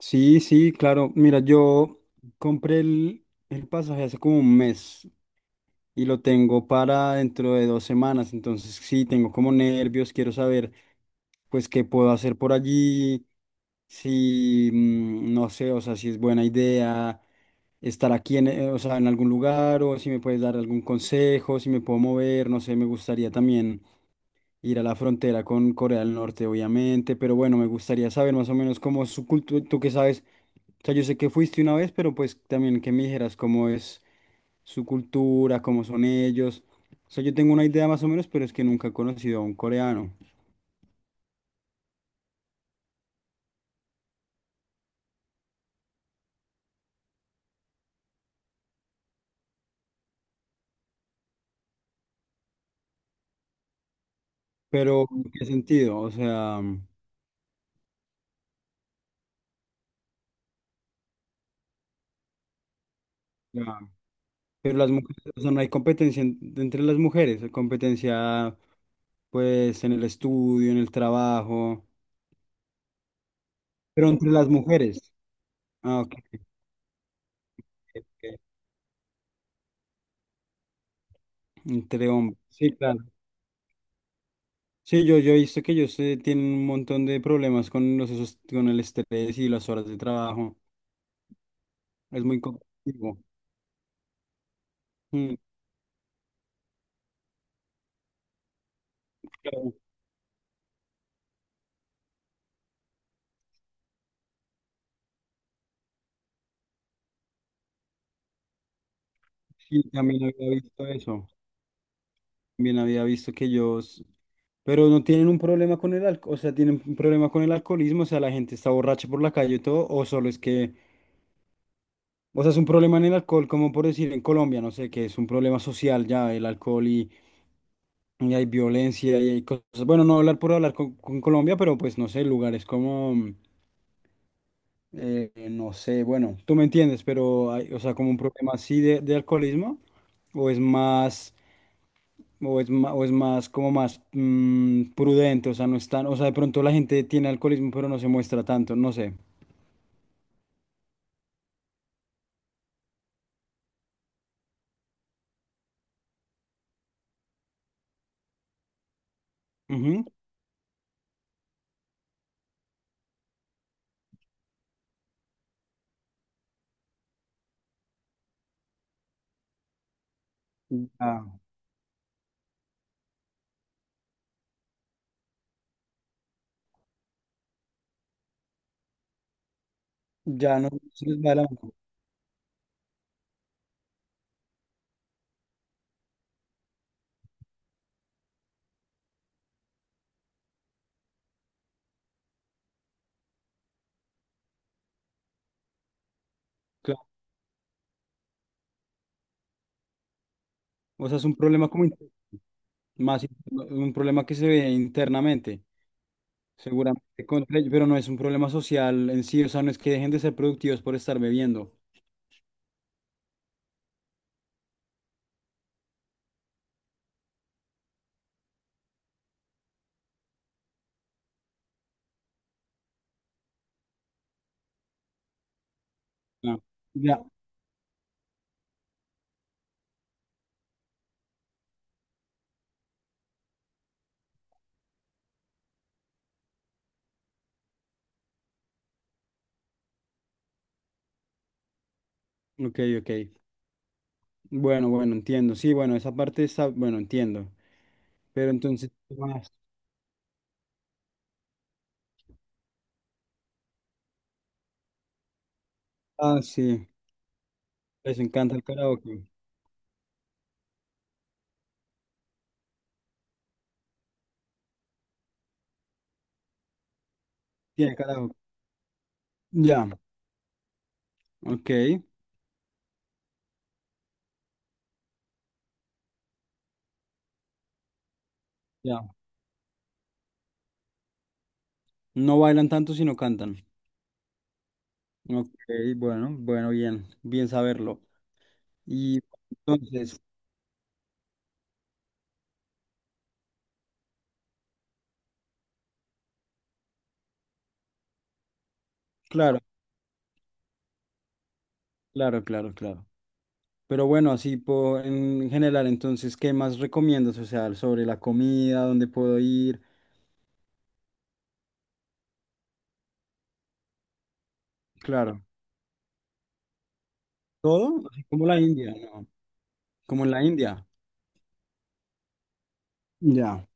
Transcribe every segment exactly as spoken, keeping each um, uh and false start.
Sí, sí, claro. Mira, yo compré el, el pasaje hace como un mes y lo tengo para dentro de dos semanas. Entonces, sí, tengo como nervios, quiero saber, pues, qué puedo hacer por allí, si, mm, no sé, o sea, si es buena idea estar aquí, en, eh, o sea, en algún lugar o si me puedes dar algún consejo, si me puedo mover, no sé, me gustaría también ir a la frontera con Corea del Norte, obviamente, pero bueno, me gustaría saber más o menos cómo es su cultura, tú que sabes sea, yo sé que fuiste una vez, pero pues también que me dijeras cómo es su cultura, cómo son ellos. O sea, yo tengo una idea más o menos, pero es que nunca he conocido a un coreano. Pero, ¿en qué sentido? O sea, ya. Pero las mujeres, o sea, no hay competencia en- entre las mujeres, hay competencia pues en el estudio, en el trabajo, pero entre las mujeres. Ah, ok, ok, ok, ok. Entre hombres. Sí, claro. Sí, yo, yo he visto que ellos eh, tienen un montón de problemas con los, esos- con el estrés y las horas de trabajo. Es muy complicado. Mm, claro. Sí, también había visto eso. También había visto que ellos, pero no tienen un problema con el alcohol, o sea, tienen un problema con el alcoholismo, o sea, la gente está borracha por la calle y todo, o solo es que, o sea, es un problema en el alcohol, como por decir en Colombia, no sé, que es un problema social ya, el alcohol y, y hay violencia y hay cosas. Bueno, no hablar por hablar con, con Colombia, pero pues no sé, lugares como eh, no sé, bueno, tú me entiendes, pero hay, o sea, como un problema así de, de alcoholismo, o es más, o es más, o es más, como más mm, prudente, o sea, no es tan, o sea, de pronto la gente tiene alcoholismo, pero no se muestra tanto, no sé. Ujú. Ya, ya no se les va de la mano. Claro. O sea, es un problema como inter- más in- un problema que se ve internamente, seguramente contra ellos, pero no es un problema social en sí, o sea, no es que dejen de ser productivos por estar bebiendo. Ah, ya, ok, ok. Bueno, bueno, entiendo. Sí, bueno, esa parte está, bueno, entiendo. Pero entonces, ¿qué más? Ah, sí, les encanta el karaoke. Tiene karaoke. Ya, ok, ya. No bailan tanto, sino cantan. Ok, bueno, bueno, bien, bien saberlo. Y entonces, claro, claro, claro, claro. Pero bueno, así po- en general, entonces, ¿qué más recomiendas? O sea, sobre la comida, dónde puedo ir, claro. Todo, así como la India, ¿no? Como en la India. Ya.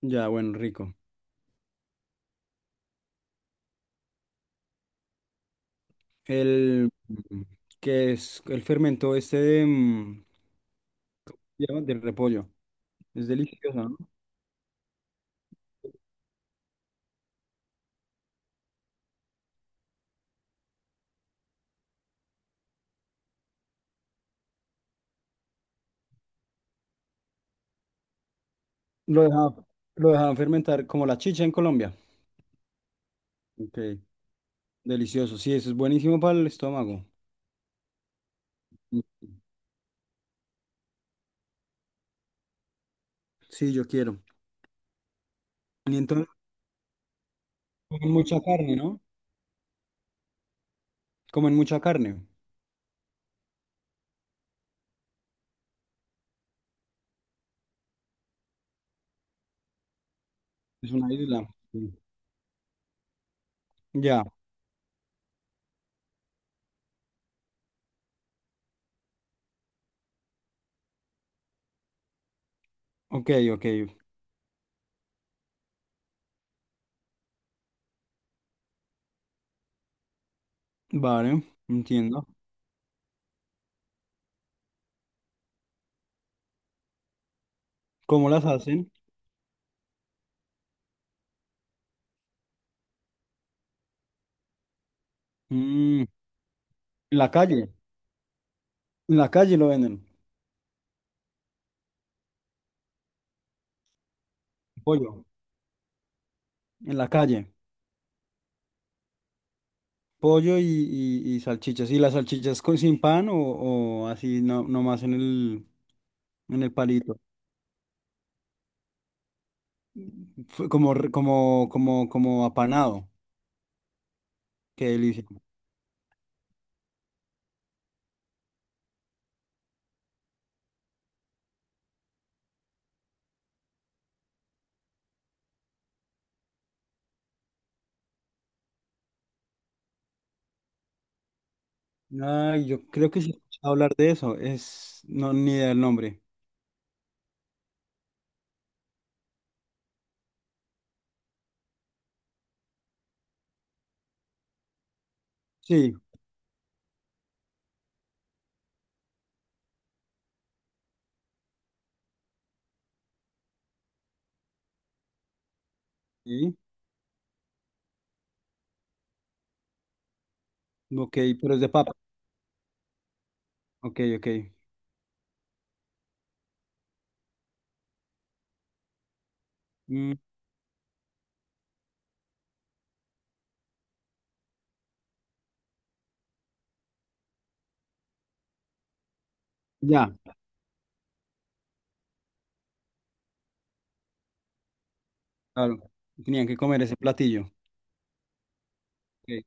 Ya, bueno, rico. El mm, que es el fermento este de, mm, ¿cómo se llama? Del repollo. Es delicioso, ¿no? Lo dejaban, lo dejaban fermentar como la chicha en Colombia. Ok, delicioso. Sí, eso es buenísimo para el estómago. Sí, yo quiero. Y entonces comen mucha carne, ¿no? Comen mucha carne. Es una isla. Sí. Ya, ok, ok. Vale, entiendo. ¿Cómo las hacen? Mm, en la calle. En la calle lo venden. Pollo. En la calle. Pollo y, y- y salchichas. ¿Y las salchichas con, sin pan o, o así no, nomás en el, en el palito? Fue Como, re- como, como, como apanado. Qué delicia. Ay, yo creo que sí he escuchado hablar de eso. Es, no, ni idea del nombre. Sí, sí. Ok, pero es de papa. Ok, ok. Mm, ya, claro. Tenían que comer ese platillo. Ok.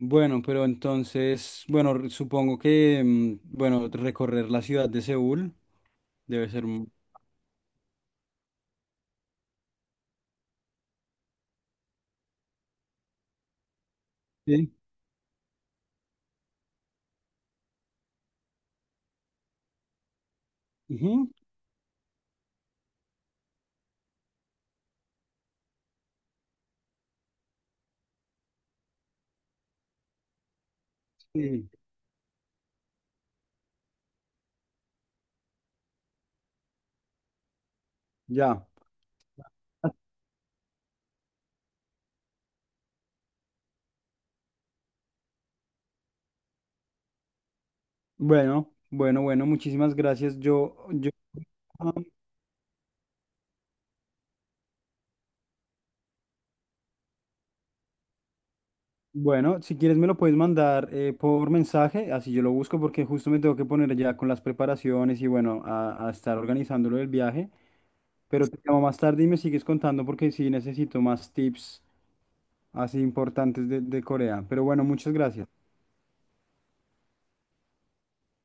Bueno, pero entonces, bueno, re- supongo que, mm, bueno, recorrer la ciudad de Seúl debe ser un. Sí. Sí, ya. Bueno, bueno, bueno, muchísimas gracias. Yo, yo, ah, bueno, si quieres me lo puedes mandar eh, por mensaje, así yo lo busco porque justo me tengo que poner ya con las preparaciones y bueno, a, a estar organizándolo del viaje. Pero te llamo más tarde y me sigues contando porque sí necesito más tips así importantes de, de Corea. Pero bueno, muchas gracias.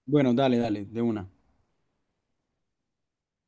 Bueno, dale, dale, de una.